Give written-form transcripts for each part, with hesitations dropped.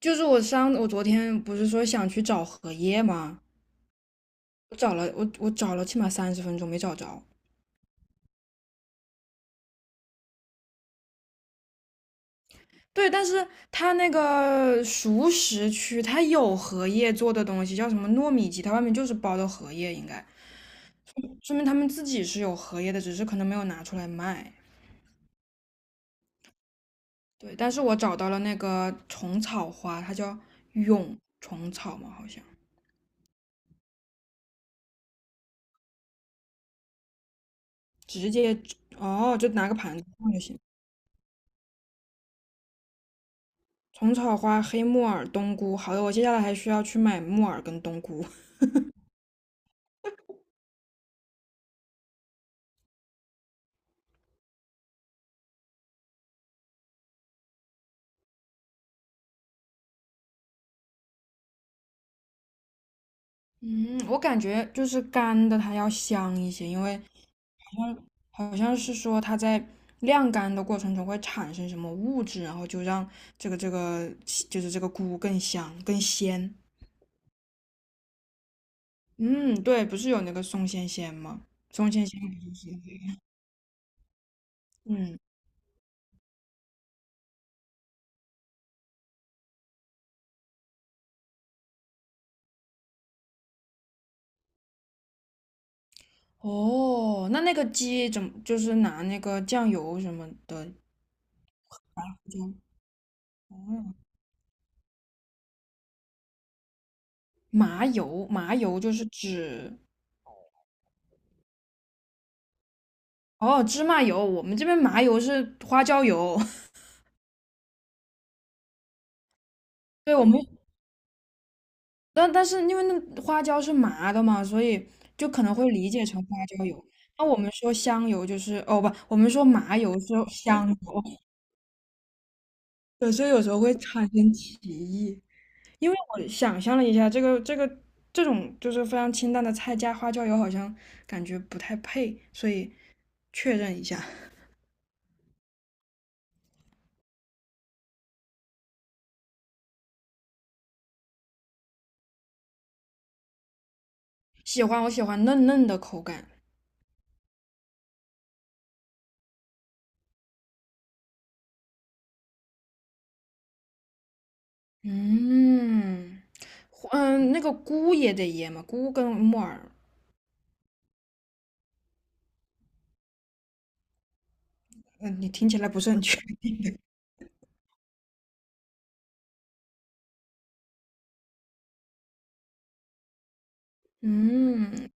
就是我昨天不是说想去找荷叶吗？我找了起码30分钟没找着。对，但是它那个熟食区它有荷叶做的东西，叫什么糯米鸡，它外面就是包的荷叶，应该说明他们自己是有荷叶的，只是可能没有拿出来卖。对，但是我找到了那个虫草花，它叫蛹虫草嘛，好像直接哦，就拿个盘子放就行。虫草花、黑木耳、冬菇，好的，我接下来还需要去买木耳跟冬菇。嗯，我感觉就是干的它要香一些，因为好像好像是说它在晾干的过程中会产生什么物质，然后就让这个这个就是这个菇更香更鲜。嗯，对，不是有那个松鲜鲜吗？松鲜鲜好像是那个嗯，哦，那个鸡怎么就是拿那个酱油什么的？哦麻油，麻油就是指哦，芝麻油，我们这边麻油是花椒油，对我们，但是因为那花椒是麻的嘛，所以就可能会理解成花椒油。那我们说香油就是哦不，我们说麻油是香油，对，所以有时候会产生歧义。因为我想象了一下，这种就是非常清淡的菜加花椒油，好像感觉不太配，所以确认一下，我喜欢嫩嫩的口感。嗯，那个菇也得腌嘛，菇跟木耳，嗯，你听起来不是很全。嗯，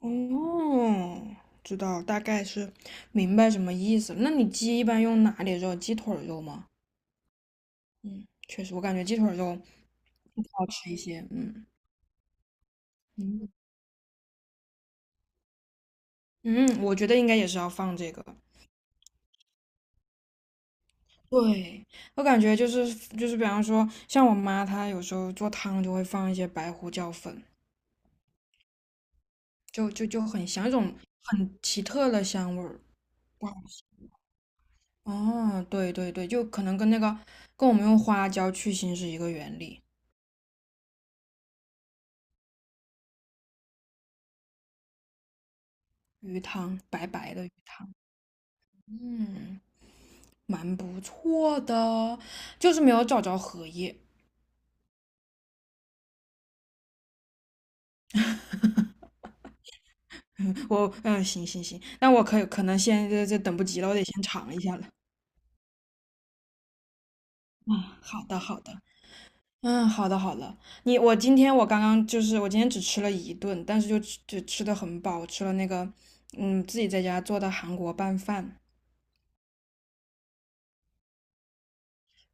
哦，知道，大概是明白什么意思了。那你鸡一般用哪里肉？鸡腿儿肉吗？嗯，确实，我感觉鸡腿儿肉好吃一些。嗯嗯嗯，我觉得应该也是要放这个。对，我感觉就是就是，比方说，像我妈她有时候做汤就会放一些白胡椒粉，就很香，一种很奇特的香味儿。哇，哦，对对对，就可能跟那个跟我们用花椒去腥是一个原理。鱼汤，白白的鱼汤，嗯，蛮不错的，就是没有找着荷叶。嗯，行行行，那我可能先这等不及了，我得先尝一下了。嗯，好的好的。嗯，好的好的。你我今天我刚刚就是我今天只吃了一顿，但是就吃的很饱，我吃了那个自己在家做的韩国拌饭。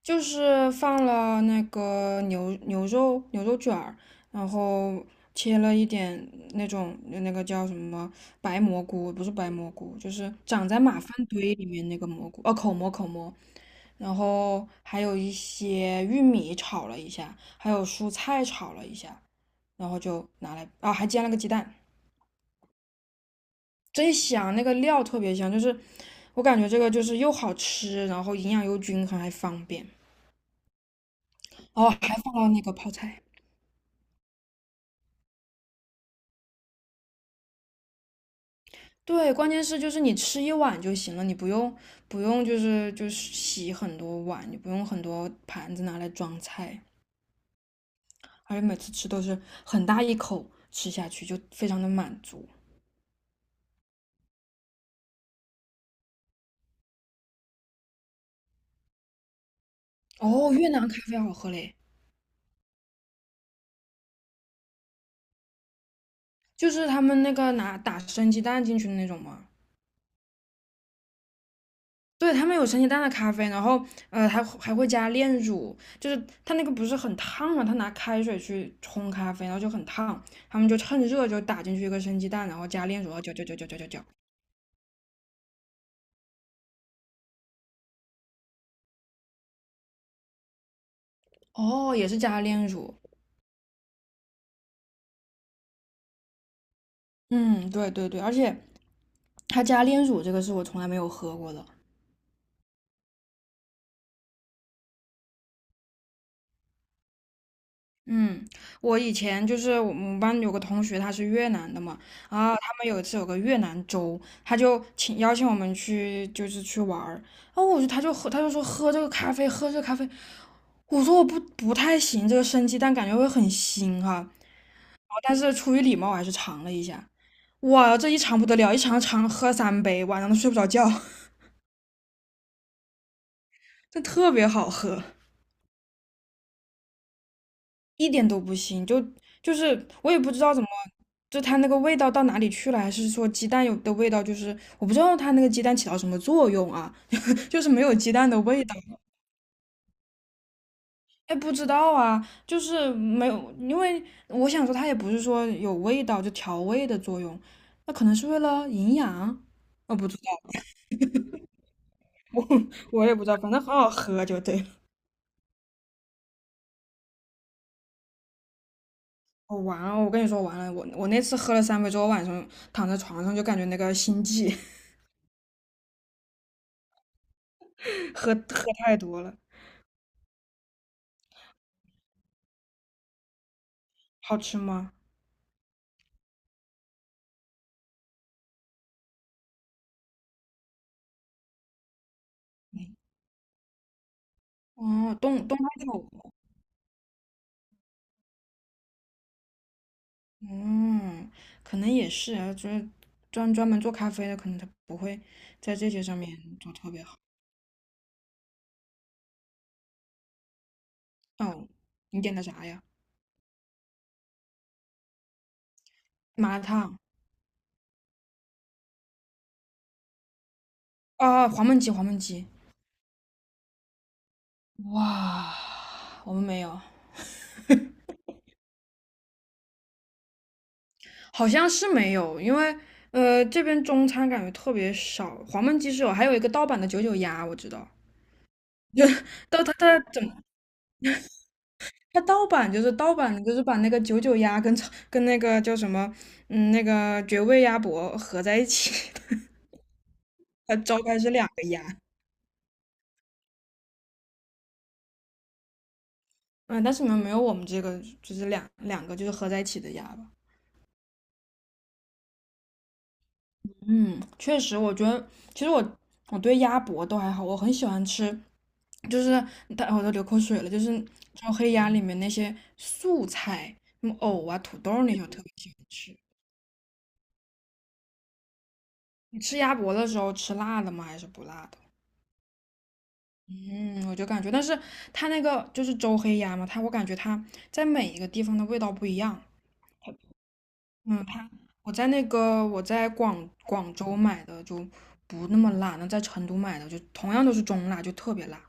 就是放了那个牛肉卷儿，然后切了一点那种那个叫什么白蘑菇，不是白蘑菇，就是长在马粪堆里面那个蘑菇，哦，口蘑，然后还有一些玉米炒了一下，还有蔬菜炒了一下，然后就拿来，啊，还煎了个鸡蛋，真香，那个料特别香，就是我感觉这个就是又好吃，然后营养又均衡，还方便，哦，还放了那个泡菜。对，关键是就是你吃一碗就行了，你不用就是洗很多碗，你不用很多盘子拿来装菜，而且每次吃都是很大一口吃下去，就非常的满足。哦，越南咖啡好喝嘞，就是他们那个拿打生鸡蛋进去的那种嘛。对，他们有生鸡蛋的咖啡，然后还会加炼乳，就是它那个不是很烫嘛，他拿开水去冲咖啡，然后就很烫，他们就趁热就打进去一个生鸡蛋，然后加炼乳，然后搅搅搅搅搅搅搅。哦，也是加炼乳。嗯，对对对，而且他加炼乳这个是我从来没有喝过的。嗯，我以前就是我们班有个同学，他是越南的嘛，然后他们有一次有个越南粥，他就请邀请我们去，就是去玩儿。然后我就他就喝，他就说喝这个咖啡，喝这个咖啡。我说我不太行，这个生鸡蛋感觉会很腥哈、然后但是出于礼貌，我还是尝了一下。哇，这一尝不得了，一尝尝喝三杯，晚上都睡不着觉，这特别好喝。一点都不腥，就就是我也不知道怎么，就它那个味道到哪里去了，还是说鸡蛋有的味道，就是我不知道它那个鸡蛋起到什么作用啊，就是没有鸡蛋的味道，哎，不知道啊，就是没有，因为我想说它也不是说有味道就调味的作用，那可能是为了营养，我不知道，我也不知道，反正很好喝就对了。我完了，我跟你说完了，我那次喝了三杯之后，晚上躺在床上就感觉那个心悸，喝太多了。好吃吗？哦，冻东北酒，嗯，可能也是啊，就是专门做咖啡的，可能他不会在这些上面做特别好。哦，你点的啥呀？麻辣烫啊，黄焖鸡，黄焖鸡。哇，我们没有，好像是没有，因为这边中餐感觉特别少，黄焖鸡是有，还有一个盗版的九九鸭，我知道，但它盗版就是盗版的，就是把那个九九鸭跟那个叫什么，嗯，那个绝味鸭脖合在一起 它招牌是两个鸭，嗯，但是你们没有我们这个就是两个就是合在一起的鸭吧？嗯，确实，我觉得其实我对鸭脖都还好，我很喜欢吃，就是但我都流口水了，就是招黑鸭里面那些素菜，什么藕啊、土豆那些，我特别喜欢吃。你吃鸭脖的时候吃辣的吗？还是不辣的？嗯，我就感觉，但是它那个就是周黑鸭嘛，它我感觉它在每一个地方的味道不一样。嗯，我在广州买的就不那么辣，那在成都买的就同样都是中辣，就特别辣。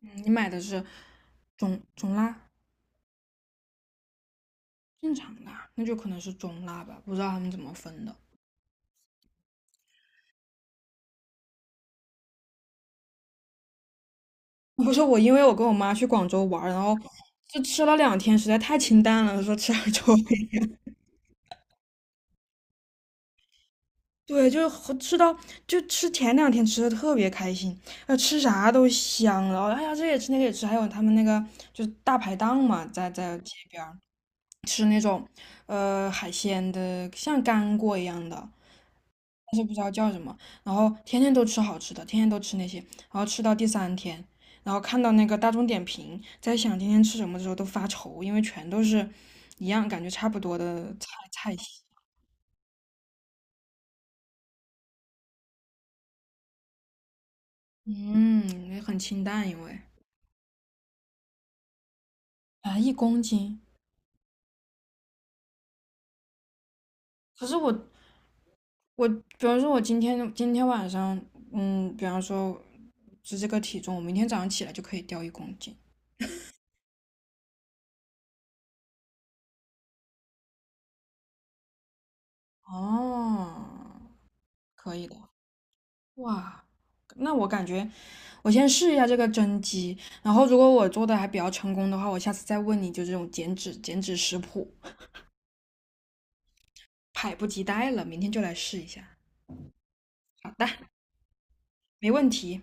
嗯，你买的是中辣、正常辣，那就可能是中辣吧，不知道他们怎么分的。不是我，因为我跟我妈去广州玩儿然后就吃了两天，实在太清淡了，说吃点周黑对，就是和吃到就吃前两天吃的特别开心，吃啥都香了。哎呀，这也吃那个也吃，还有他们那个就是大排档嘛，在街边儿吃那种海鲜的，像干锅一样的，但是不知道叫什么。然后天天都吃好吃的，天天都吃那些，然后吃到第三天，然后看到那个大众点评，在想今天吃什么的时候都发愁，因为全都是一样，感觉差不多的菜系。嗯，也很清淡，因为。啊，一公斤。可是我，比方说，我今天晚上，嗯，比方说是这个体重，我明天早上起来就可以掉一公斤。哦，可以的。哇，那我感觉我先试一下这个蒸鸡，然后如果我做的还比较成功的话，我下次再问你就这种减脂食谱，迫不及待了，明天就来试一下。好的，没问题。